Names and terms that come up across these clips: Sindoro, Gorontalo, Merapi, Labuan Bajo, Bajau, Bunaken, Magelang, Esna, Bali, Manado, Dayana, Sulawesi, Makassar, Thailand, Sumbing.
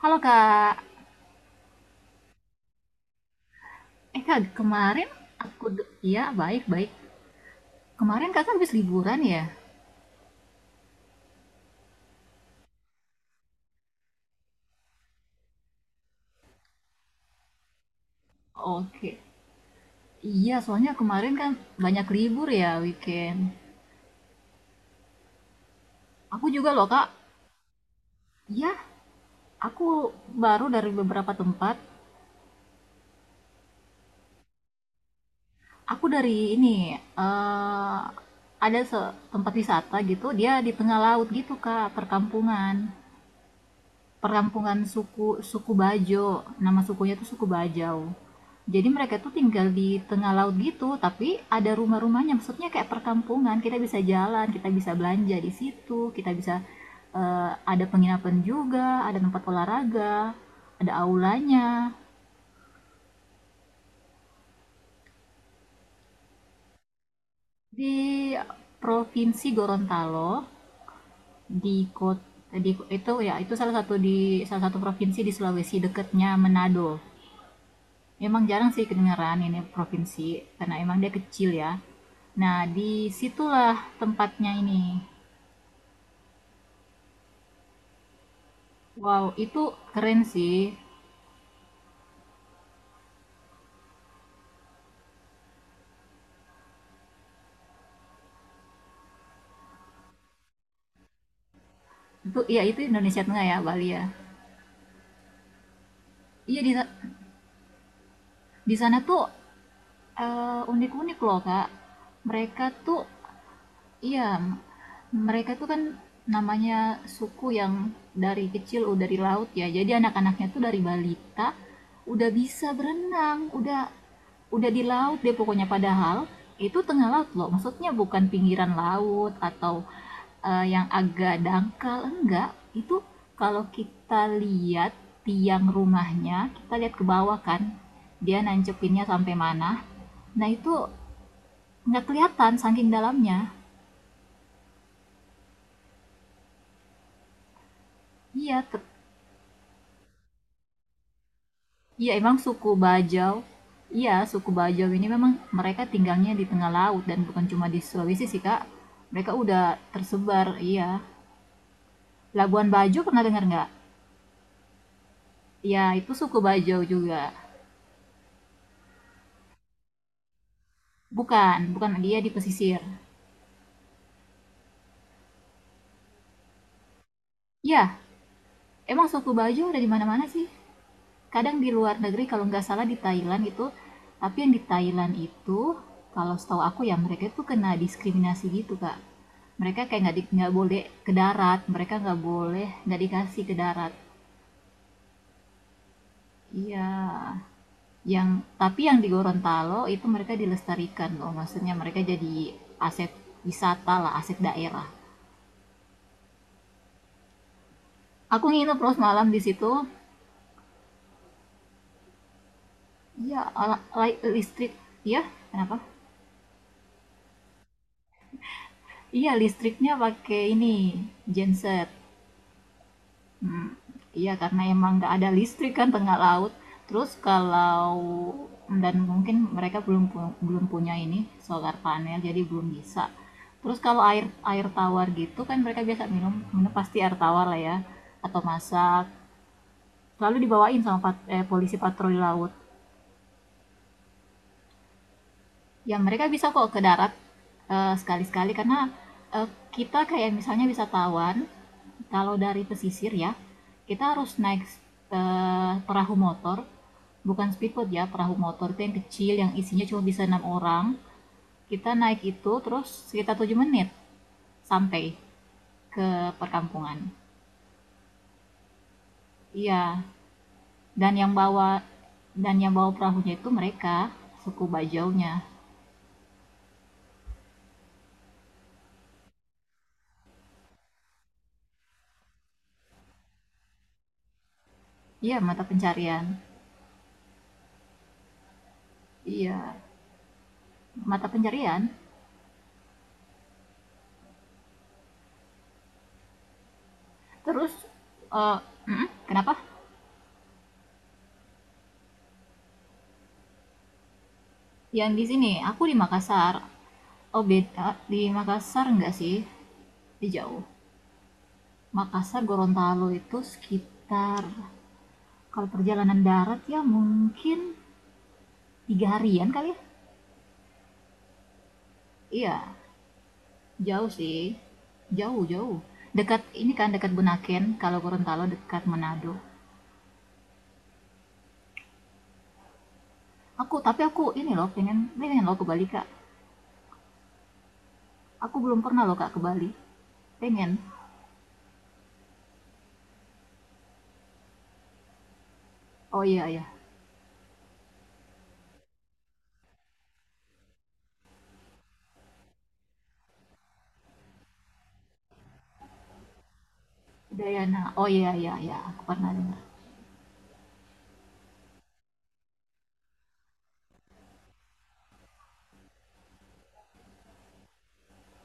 Halo Kak, Kak, kemarin aku, iya baik-baik. Kemarin Kakak habis liburan ya? Oke, iya soalnya kemarin kan banyak libur ya weekend. Aku juga loh Kak, iya aku baru dari beberapa tempat. Aku dari ini, eh ada tempat wisata gitu, dia di tengah laut gitu Kak, perkampungan. Perkampungan suku suku Bajo. Nama sukunya tuh suku Bajau. Jadi mereka tuh tinggal di tengah laut gitu, tapi ada rumah-rumahnya. Maksudnya kayak perkampungan, kita bisa jalan, kita bisa belanja di situ, ada penginapan juga, ada tempat olahraga, ada aulanya. Di Provinsi Gorontalo, di kota di salah satu provinsi di Sulawesi dekatnya Manado. Memang jarang sih kedengeran ini provinsi, karena emang dia kecil ya. Nah, disitulah tempatnya ini. Wow, itu keren sih. Itu ya itu Indonesia Tengah ya, Bali ya. Iya, di sana tuh unik-unik loh, Kak. Mereka tuh iya, mereka tuh kan namanya suku yang dari kecil udah di laut ya. Jadi anak-anaknya tuh dari balita udah bisa berenang, udah di laut deh pokoknya padahal itu tengah laut loh, maksudnya bukan pinggiran laut atau yang agak dangkal enggak itu. Kalau kita lihat tiang rumahnya, kita lihat ke bawah kan dia nancepinnya sampai mana, nah itu nggak kelihatan saking dalamnya. Iya iya emang suku Bajau. Iya, suku Bajau ini memang mereka tinggalnya di tengah laut dan bukan cuma di Sulawesi sih kak, mereka udah tersebar. Iya, Labuan Bajo pernah dengar nggak? Ya, itu suku Bajo juga. Bukan, bukan dia di pesisir. Ya, emang suku Bajo ada di mana-mana sih. Kadang di luar negeri kalau nggak salah di Thailand itu, tapi yang di Thailand itu kalau setahu aku ya mereka tuh kena diskriminasi gitu kak. Mereka kayak nggak boleh ke darat, mereka nggak dikasih ke darat. Iya, yang tapi yang di Gorontalo itu mereka dilestarikan loh, maksudnya mereka jadi aset wisata lah, aset daerah. Aku nginep terus malam di situ. Iya, ala lai listrik iya, kenapa? Iya, listriknya pakai ini, genset. Mmm, iya, karena emang nggak ada listrik kan tengah laut. Terus kalau dan mungkin mereka belum punya ini, solar panel, jadi belum bisa. Terus kalau air air tawar gitu kan mereka biasa minum minum pasti air tawar lah ya, atau masak, lalu dibawain sama polisi patroli laut. Ya, mereka bisa kok ke darat, sekali-sekali karena, kita kayak misalnya wisatawan, kalau dari pesisir ya, kita harus naik, perahu motor, bukan speedboat ya, perahu motor itu yang kecil yang isinya cuma bisa 6 orang. Kita naik itu terus sekitar 7 menit sampai ke perkampungan. Iya, dan yang bawa dan yang bawa perahunya itu mereka, suku Bajaunya. Iya, mata pencarian. Iya, mata pencarian. Terus, eee mhm, kenapa? Yang di sini, aku di Makassar. Oh beda, di Makassar enggak sih, di jauh. Makassar, Gorontalo itu sekitar kalau perjalanan darat ya mungkin 3 harian kali ya? Iya, jauh sih, jauh jauh. Dekat ini kan, dekat Bunaken, kalau Gorontalo dekat Manado. Aku tapi aku ini loh pengen pengen loh ke Bali, Kak. Aku belum pernah loh, Kak, ke Bali. Pengen. Oh iya ya, Dayana. Oh iya iya ya, aku pernah dengar.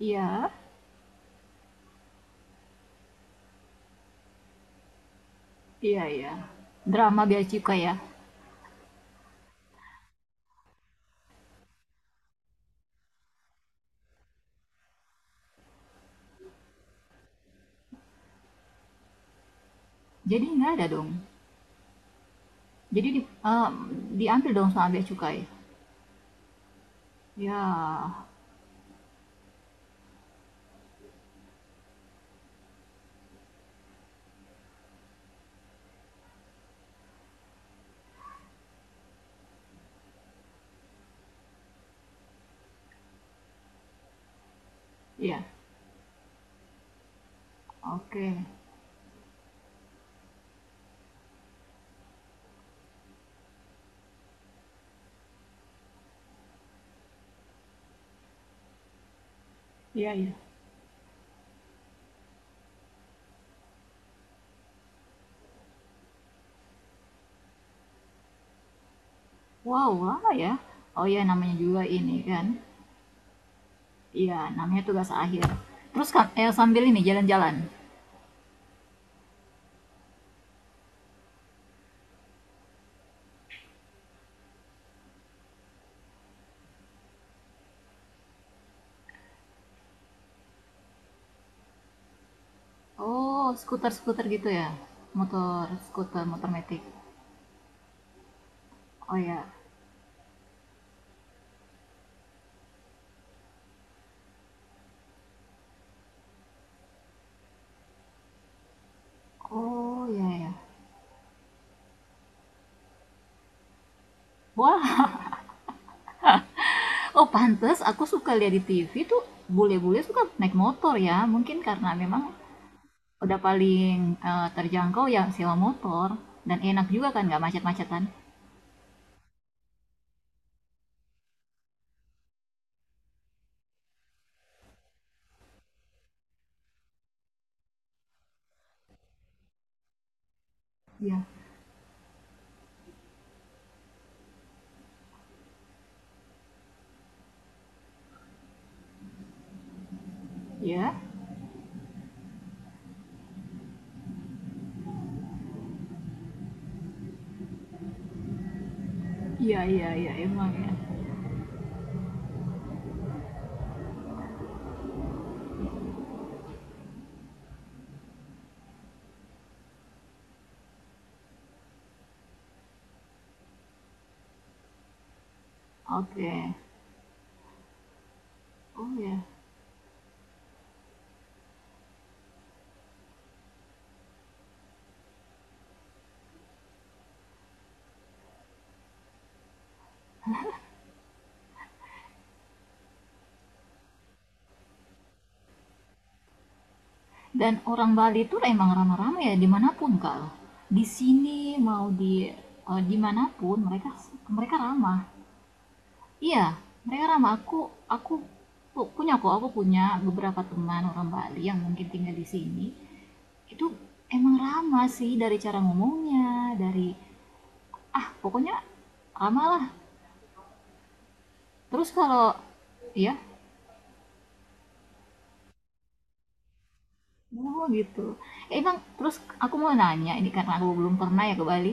Iya, iya iya. Drama bea cukai ya. Jadi nggak ada dong. Jadi diambil dong sama bea cukai. Ya, iya. Oke. Iya, iya. Wow, lama ya. Oh iya, namanya juga ini kan. Iya, namanya tugas akhir. Terus kan sambil ini jalan-jalan. Oh, skuter-skuter gitu ya. Motor, skuter, motor metik. Oh iya. Oh iya ya. Wah, oh pantes, aku suka lihat di TV tuh bule-bule suka naik motor ya. Mungkin karena memang udah paling terjangkau ya sewa motor dan enak juga kan nggak macet-macetan. Iya, iya, iya, iya, iya emang ya. Oke, oh ya. Dan orang Bali itu emang ramah-ramah ya dimanapun kalau di sini mau di dimanapun mereka mereka. Iya, mereka ramah. Aku punya kok, aku punya beberapa teman orang Bali yang mungkin tinggal di sini. Itu emang ramah sih dari cara ngomongnya, dari ah pokoknya ramah lah. Terus kalau iya, oh gitu. Ya, emang terus aku mau nanya ini karena aku belum pernah ya ke Bali.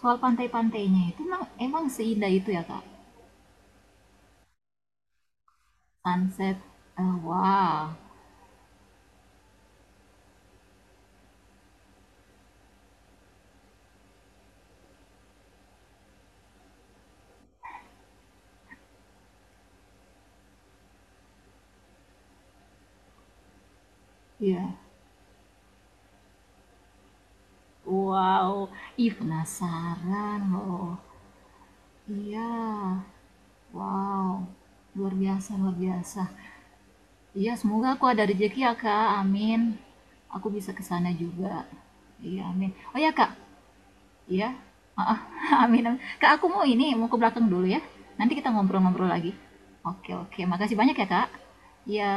Soal pantai-pantainya itu emang emang seindah itu ya, Kak? Sunset. Wow. Iya. Wow, ih penasaran loh. Iya, wow, luar biasa. Iya, semoga aku ada rezeki ya, Kak, amin. Aku bisa ke sana juga. Iya, amin. Oh ya, Kak. Iya. Heeh, amin, amin. Kak, aku mau ini, mau ke belakang dulu ya. Nanti kita ngobrol-ngobrol lagi. Oke, oke. Makasih banyak ya, Kak. Iya.